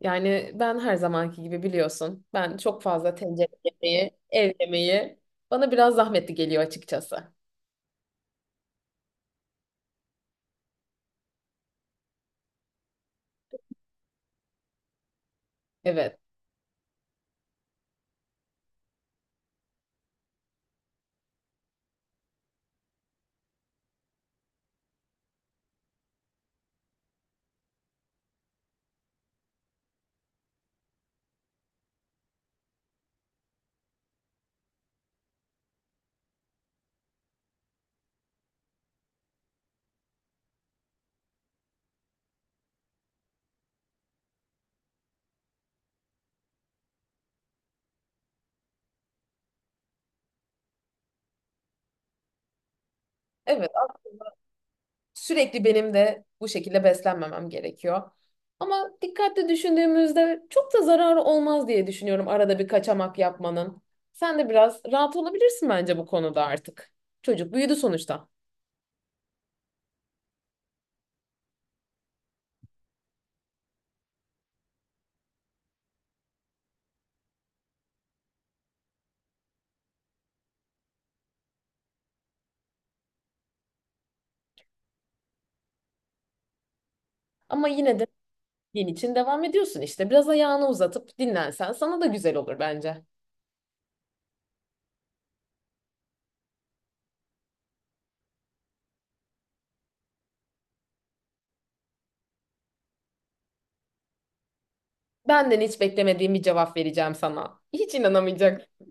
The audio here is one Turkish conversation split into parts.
Yani ben her zamanki gibi biliyorsun. Ben çok fazla tencere yemeği, ev yemeği bana biraz zahmetli geliyor açıkçası. Evet. Evet. Sürekli benim de bu şekilde beslenmemem gerekiyor. Ama dikkatli düşündüğümüzde çok da zararı olmaz diye düşünüyorum arada bir kaçamak yapmanın. Sen de biraz rahat olabilirsin bence bu konuda artık. Çocuk büyüdü sonuçta. Ama yine gün için devam ediyorsun işte. Biraz ayağını uzatıp dinlensen sana da güzel olur bence. Benden hiç beklemediğim bir cevap vereceğim sana. Hiç inanamayacaksın.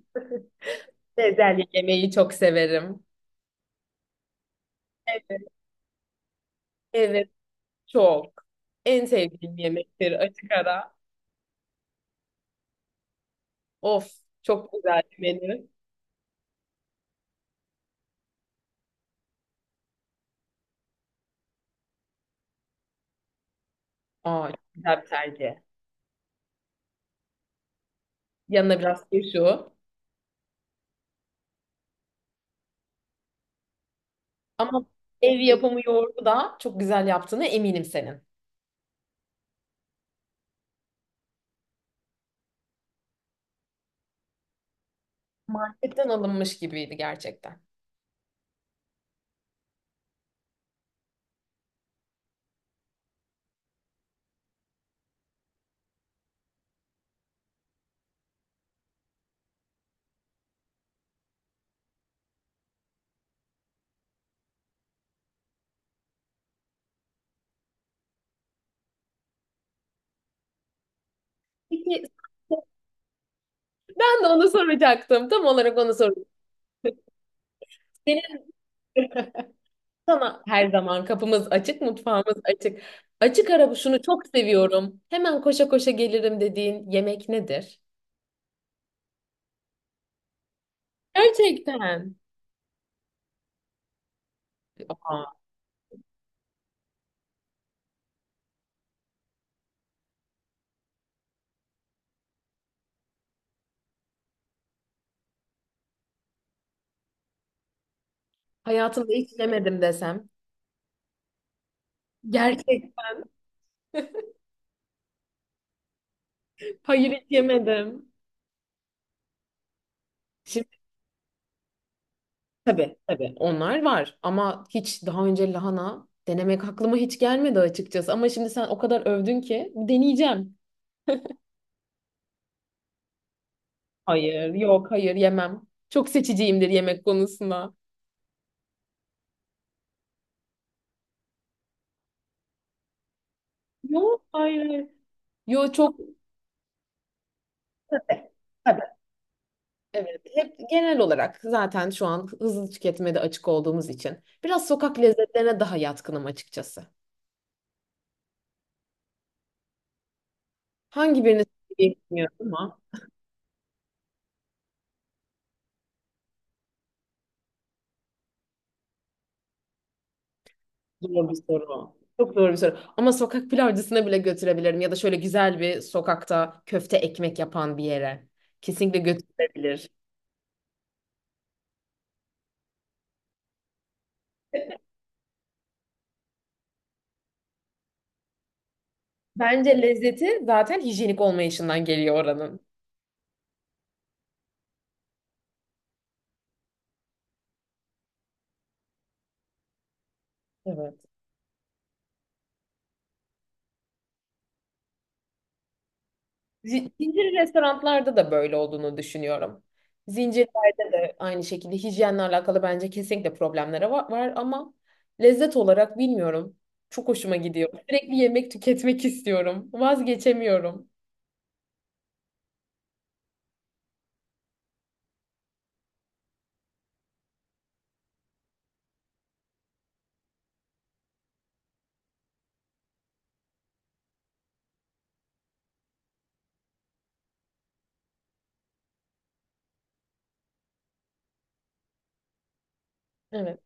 Bezelye yemeği çok severim. Evet. Evet, çok. En sevdiğim yemektir açık ara. Of, çok güzel bir menü. Aa, çok güzel bir tercih. Yanına biraz turşu. Ama ev yapımı yoğurdu da çok güzel yaptığını eminim senin. Marketten alınmış gibiydi gerçekten. Peki ben de onu soracaktım. Tam olarak onu soracaktım. Senin sana her zaman kapımız açık, mutfağımız açık. Açık ara şunu çok seviyorum. Hemen koşa koşa gelirim dediğin yemek nedir? Gerçekten. Aa, hayatımda hiç yemedim desem. Gerçekten. Hayır hiç yemedim. Şimdi. Tabii tabii onlar var ama hiç daha önce lahana denemek aklıma hiç gelmedi açıkçası. Ama şimdi sen o kadar övdün ki deneyeceğim. Hayır yok hayır yemem. Çok seçiciyimdir yemek konusunda. Yok hayır. Hayır. Yok çok. Tabii. Tabii. Evet hep genel olarak zaten şu an hızlı tüketmede açık olduğumuz için biraz sokak lezzetlerine daha yatkınım açıkçası. Hangi birini sevdiğimi bilmiyorum ama. Zor bir soru. Çok zor bir soru. Ama sokak pilavcısına bile götürebilirim ya da şöyle güzel bir sokakta köfte ekmek yapan bir yere. Kesinlikle götürülebilir. Bence lezzeti zaten hijyenik olmayışından geliyor oranın. Evet. Zincir restoranlarda da böyle olduğunu düşünüyorum. Zincirlerde de aynı şekilde hijyenle alakalı bence kesinlikle problemlere var ama lezzet olarak bilmiyorum. Çok hoşuma gidiyor. Sürekli yemek tüketmek istiyorum. Vazgeçemiyorum. Evet.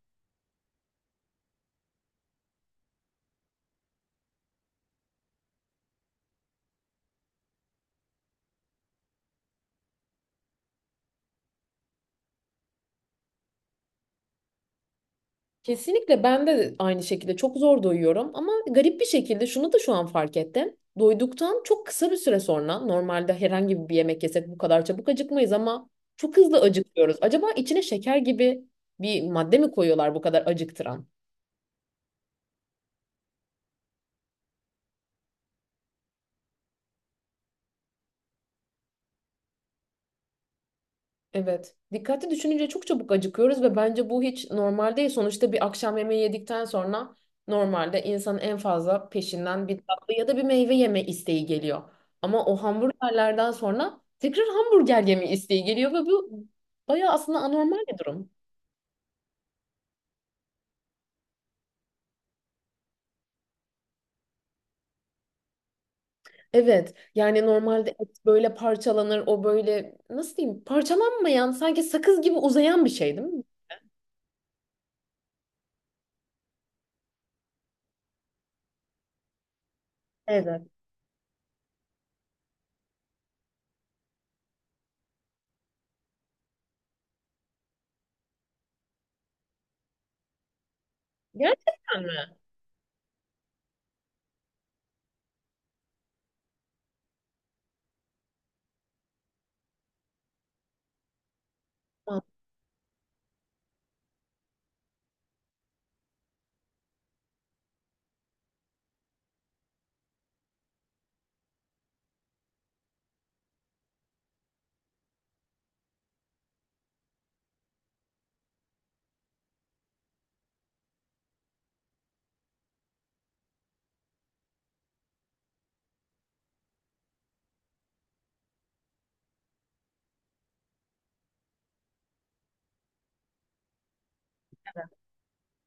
Kesinlikle ben de aynı şekilde çok zor doyuyorum ama garip bir şekilde şunu da şu an fark ettim. Doyduktan çok kısa bir süre sonra normalde herhangi bir yemek yesek bu kadar çabuk acıkmayız ama çok hızlı acıkıyoruz. Acaba içine şeker gibi bir madde mi koyuyorlar bu kadar acıktıran? Evet. Dikkatli düşününce çok çabuk acıkıyoruz ve bence bu hiç normal değil. Sonuçta bir akşam yemeği yedikten sonra normalde insanın en fazla peşinden bir tatlı ya da bir meyve yeme isteği geliyor. Ama o hamburgerlerden sonra tekrar hamburger yeme isteği geliyor ve bu bayağı aslında anormal bir durum. Evet. Yani normalde et böyle parçalanır, o böyle nasıl diyeyim parçalanmayan sanki sakız gibi uzayan bir şey değil mi? Evet. Gerçekten mi?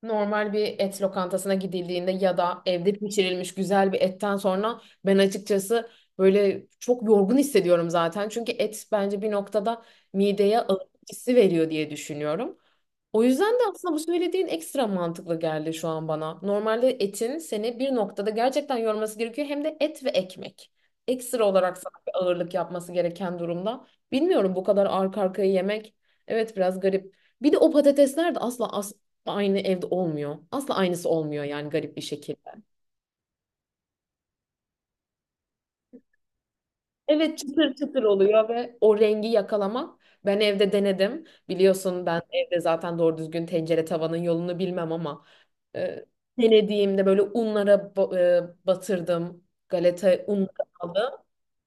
Normal bir et lokantasına gidildiğinde ya da evde pişirilmiş güzel bir etten sonra ben açıkçası böyle çok yorgun hissediyorum zaten. Çünkü et bence bir noktada mideye ağırlık hissi veriyor diye düşünüyorum. O yüzden de aslında bu söylediğin ekstra mantıklı geldi şu an bana. Normalde etin seni bir noktada gerçekten yorması gerekiyor. Hem de et ve ekmek. Ekstra olarak sana bir ağırlık yapması gereken durumda. Bilmiyorum bu kadar arka arkaya yemek. Evet biraz garip. Bir de o patatesler de aynı evde olmuyor. Asla aynısı olmuyor yani garip bir şekilde. Evet çıtır çıtır oluyor ve o rengi yakalamak. Ben evde denedim. Biliyorsun ben evde zaten doğru düzgün tencere tavanın yolunu bilmem ama e, denediğimde böyle batırdım. Galeta unları aldım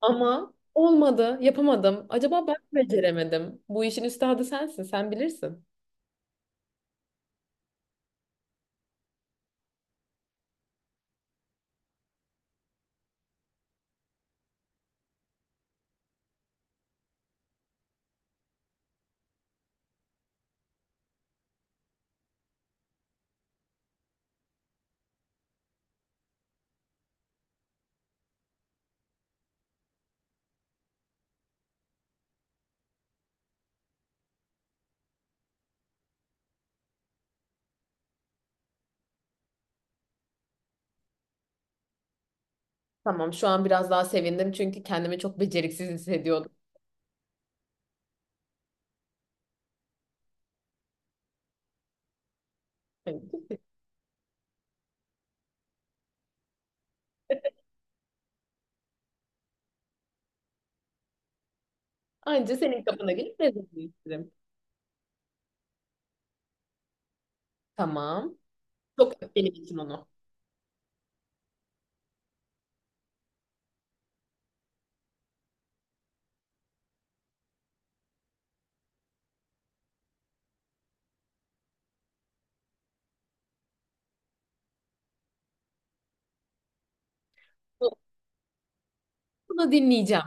ama olmadı, yapamadım. Acaba ben mi beceremedim? Bu işin üstadı sensin, sen bilirsin. Tamam, şu an biraz daha sevindim çünkü kendimi çok beceriksiz hissediyordum. Anca senin kapına gelip lezzetini istedim. Tamam. Çok öp benim için onu. Bunu dinleyeceğim.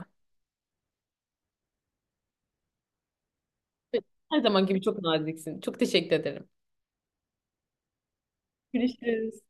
Her zaman gibi çok naziksin. Çok teşekkür ederim. Görüşürüz.